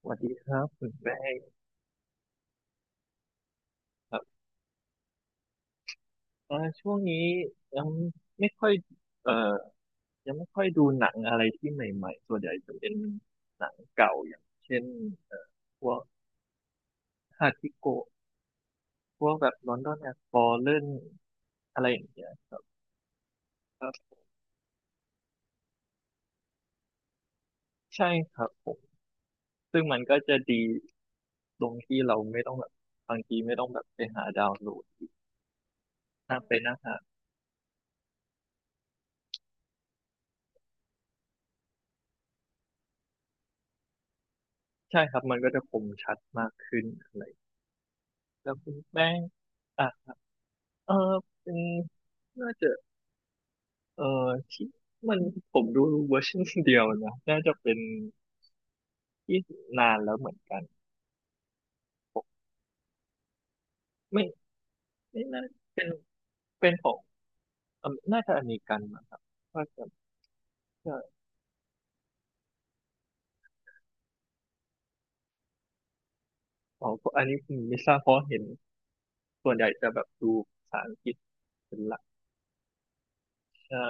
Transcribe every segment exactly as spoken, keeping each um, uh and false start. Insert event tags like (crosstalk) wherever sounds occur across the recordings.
สวัสดีครับคุณแป้งครับเอ่อช่วงนี้ยังไม่ค่อยเอ่อยังไม่ค่อยดูหนังอะไรที่ใหม่ๆส่วนใหญ่จะเป็นหนังเก่าอย่างเช่นเอ่อพวกฮาทิโกะพวกแบบลอนดอนแอ f ฟอลเล่นอะไรอย่างเงี้ยครับครับใช่ครับผมซึ่งมันก็จะดีตรงที่เราไม่ต้องแบบบางทีไม่ต้องแบบไปหาดาวน์โหลดนั่งไปนั่งหาใช่ครับมันก็จะคมชัดมากขึ้นอะไรแล้วคุณแป้งอ่ะเออเป็นน่าจะ เออที่มันผมดูเวอร์ชันเดียวนะ (laughs) น่าจะเป็นที่นานแล้วเหมือนกันผมไม่ไม่น่าเป็นเป็นของอเมน่าจะอเมริกันนะครับว่าจะจะอ๋อเพราะอันนี้ผมไม่ทราบเพราะเห็นส่วนใหญ่จะแบบดูภาษาอังกฤษเป็นหลักใช่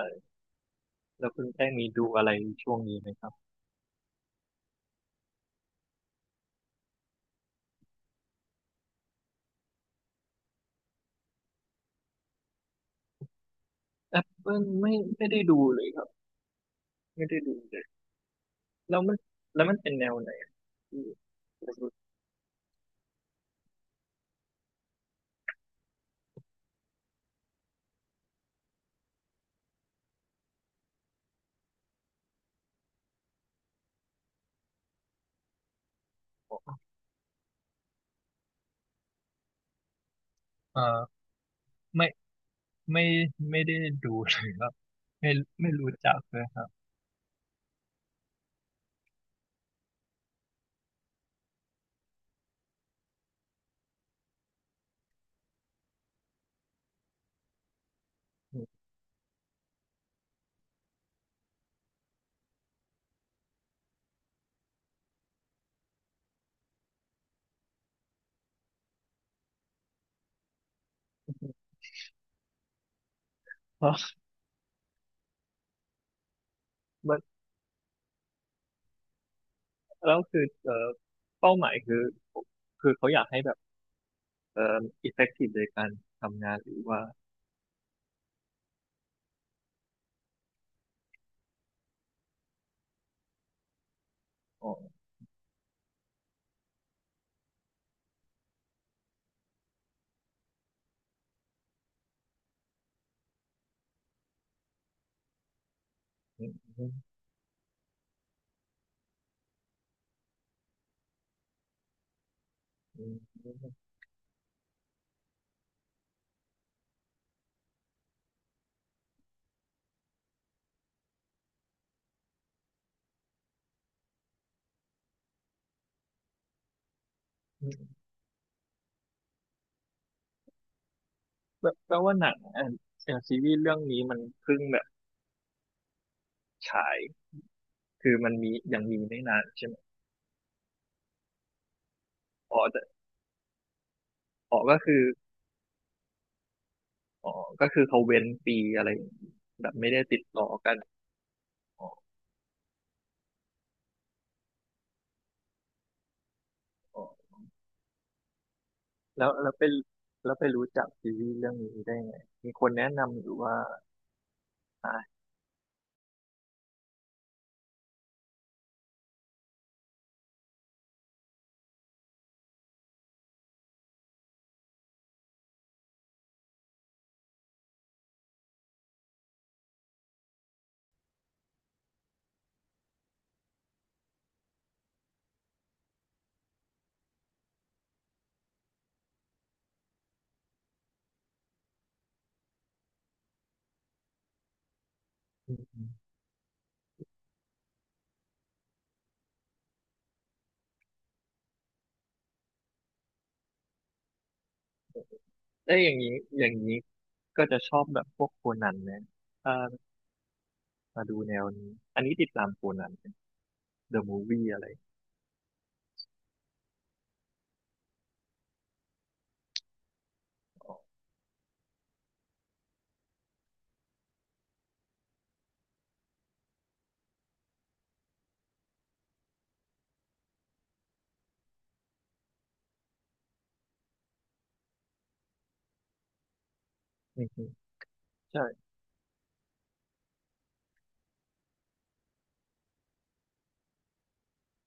แล้วคุณแป้งมีดูอะไรช่วงนี้ไหมครับแอปเปิลไม่ไม่ได้ดูเลยครับไม่ได้ดูเลยแล้วมันแล้วมันเป็นแนวไหนที่คุณรู้สึกว่าเออไม่ไม่ไม่ได้ดูเลยครับไม่ไม่รู้จักเลยครับ เพราะมันแล้วคือเอ่อเป้าหมายคือคือเขาอยากให้แบบเอ่อ effective ในการทำงานหรือว่าอ๋ออืมอืมอืมอืมอืมแปลแปลว่าหนังอ่ะเอย่างซีรีส์เรื่องนี้มันเพิ่งแบบฉายคือมันมียังมีไม่นานใช่ไหมอ๋อแต่อ๋อก็คืออ๋อก็คือเขาเว้นปีอะไรอย่างงี้แบบไม่ได้ติดต่อกันอ๋ออ๋อแล้วแล้วไปแล้วไปรู้จักซีรีส์เรื่องนี้ได้ไงมีคนแนะนำหรือว่าอ่าเอ้ยอย่างนี้อย่างนี้ ก็จะชอบแบบพวกโคนันนะถ้ามาดูแนวนี้ อันนี้ติดตามโคนันเดอะมูฟวี่อะไรอ๋ออืมๆใช่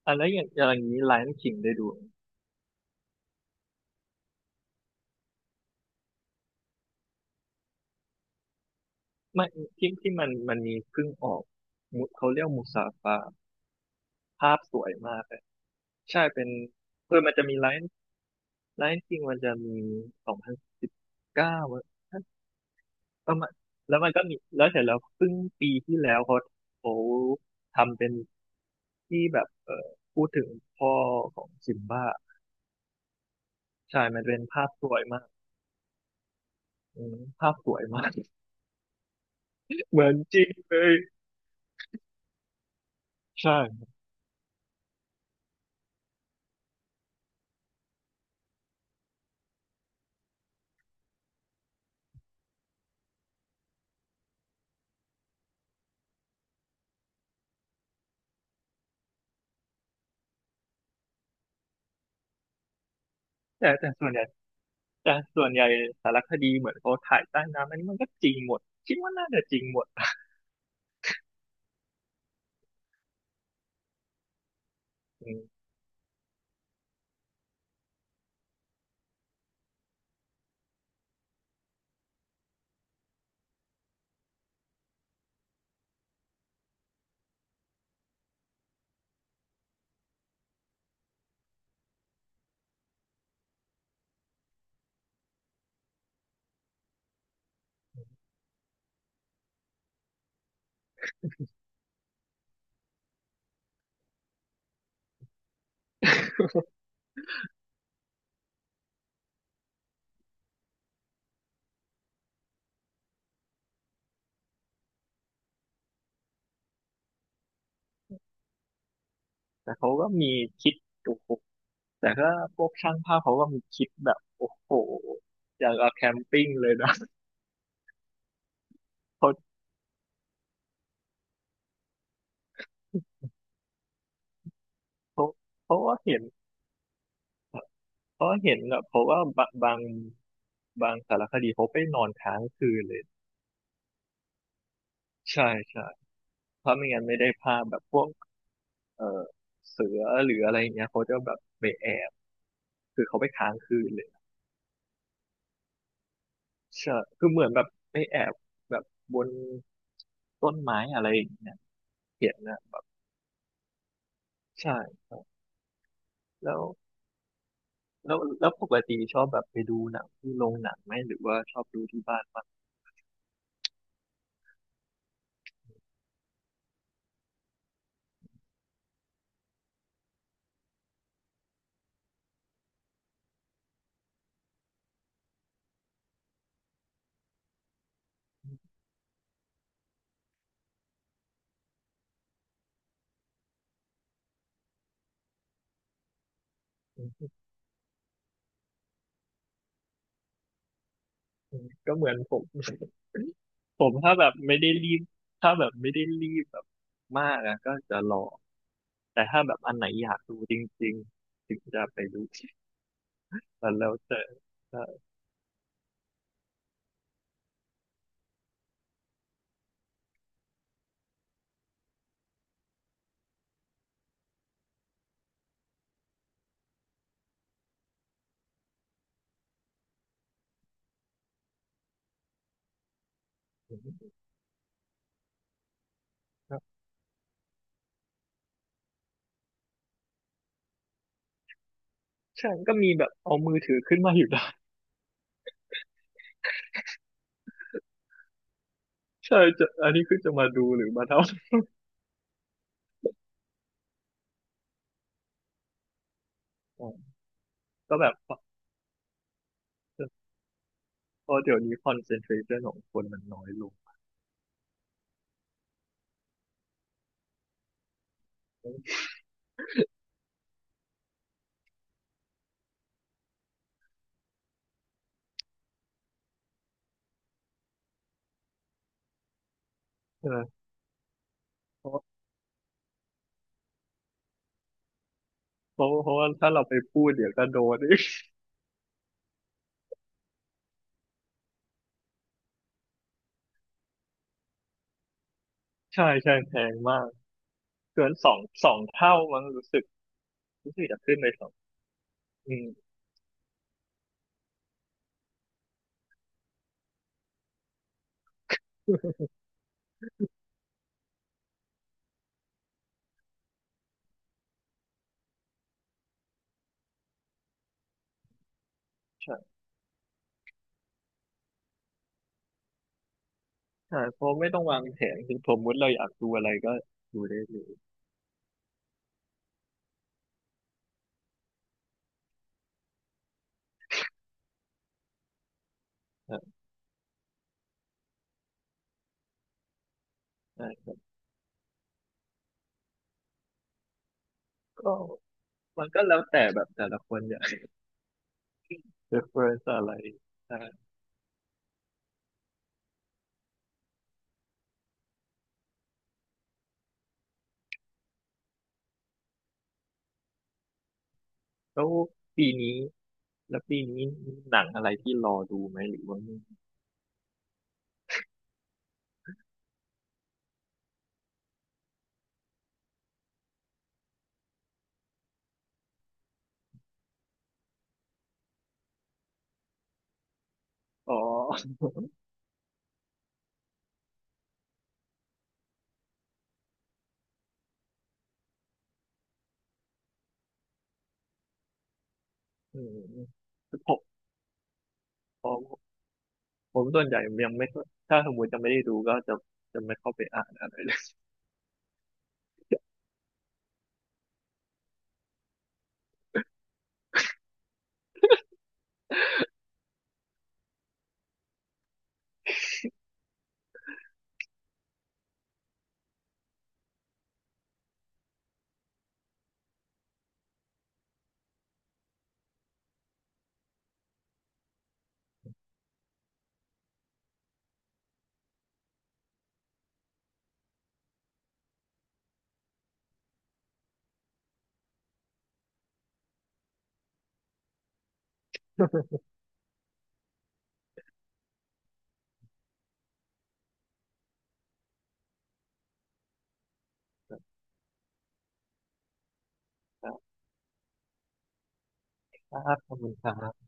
อันแล้วอย่างอย่างนี้ไล o n i ิงได้ดูไหมไม่ที่ที่มันมันมีเพิ่งออกมุเขาเรียกมูซาฟาภาพสวยมากเลยใช่เป็นเออมันจะมีไล o n ไล o n คิงมันจะมีสองพันสิบเก้าประมาณแล้วมันก็มีแล้วเสร็จแล้วเพิ่งปีที่แล้วเขาเขาทำเป็นที่แบบเออพูดถึงพ่อของซิมบ้า ใช่มันเป็นภาพสวยมากอืมภาพสวยมาก (laughs) เหมือนจริงเลยใช่แต่แต่ส่วนใหญ่แต่ส่วนใหญ่สารคดีเหมือนเขาถ่ายใต้น้ำอันนี้มันก็จริงหมด คิดว่าน่าจะจริงหมดอืม (laughs) แต่เขาก็มีคิดโอ้โหแต่ก็พวกช่างภาพเขาก็มีคิดแบบโอ้โหอย่างกับแคมปิ้งเลยนะ (laughs) เขาเขาเขาก็เห็นเขาก็เห็นแบบเขาก็บางบางบางสารคดีเขาไปนอนค้างคืนเลยใช่ใช่เพราะไม่งั้นไม่ได้ภาพแบบพวก เออเสือหรืออะไรอย่างเงี้ยเขาจะแบบไปแอบคือเขาไปค้างคืนเลยใช่คือเหมือนแบบไปแอบแบบบนต้นไม้อะไรอย่างเงี้ยเห็นนะใช่ครับแล้วแล้วแล้วปกติชอบแบบไปดูหนังที่โรงหนังไหมหรือว่าชอบดูที่บ้านมากอืมอืมก็เหมือนผม (laughs) ผมถ้าแบบไม่ได้รีบถ้าแบบไม่ได้รีบแบบมากอะก็จะรอแต่ถ้าแบบอันไหนอยากดูจริงๆถึงจะไปดูแล้วแล้วแต่ใช่ ใช่ก็มีแบบเอามือถือขึ้นมาอยู่ได้ (laughs) ใช่จะอันนี้คือจะมาดูหรือมาเท่า (laughs) อ๋อก็แบบเพราะเดี๋ยวนี้คอนเซนเทรชันของคนมันน้อยลงใช่ไหมเพราะเพราะเพราะว่าถ้าเราไปพูดเดี๋ยวก็โดนอีก (laughs) ใช่ใช่แพงมากเกินสองสองเท่ามั้งรู้สึกรู้สึกจะขึ้นไปสองอืมใช่ใช่เพราะไม่ต้องวางแผนถึงสมมติเราอยากดูอะไรก็ดูได้เลยใช่ใช่ก็มันก็แล้วแต่แบบแต่ละคนอยาก reference อะไรใช่แล้วปีนี้ แล้วปีนี้มีหนังอะไรที่รอดูไหมหรือว่าไม่อ๋ออืมผมผมผมส่วนใหญ่ยังไม่ค่อยถ้าสมมติจะไม่ได้ดูก็จะจะไม่เข้าไปอ่านอะไรเลยครับขอบคุณครับ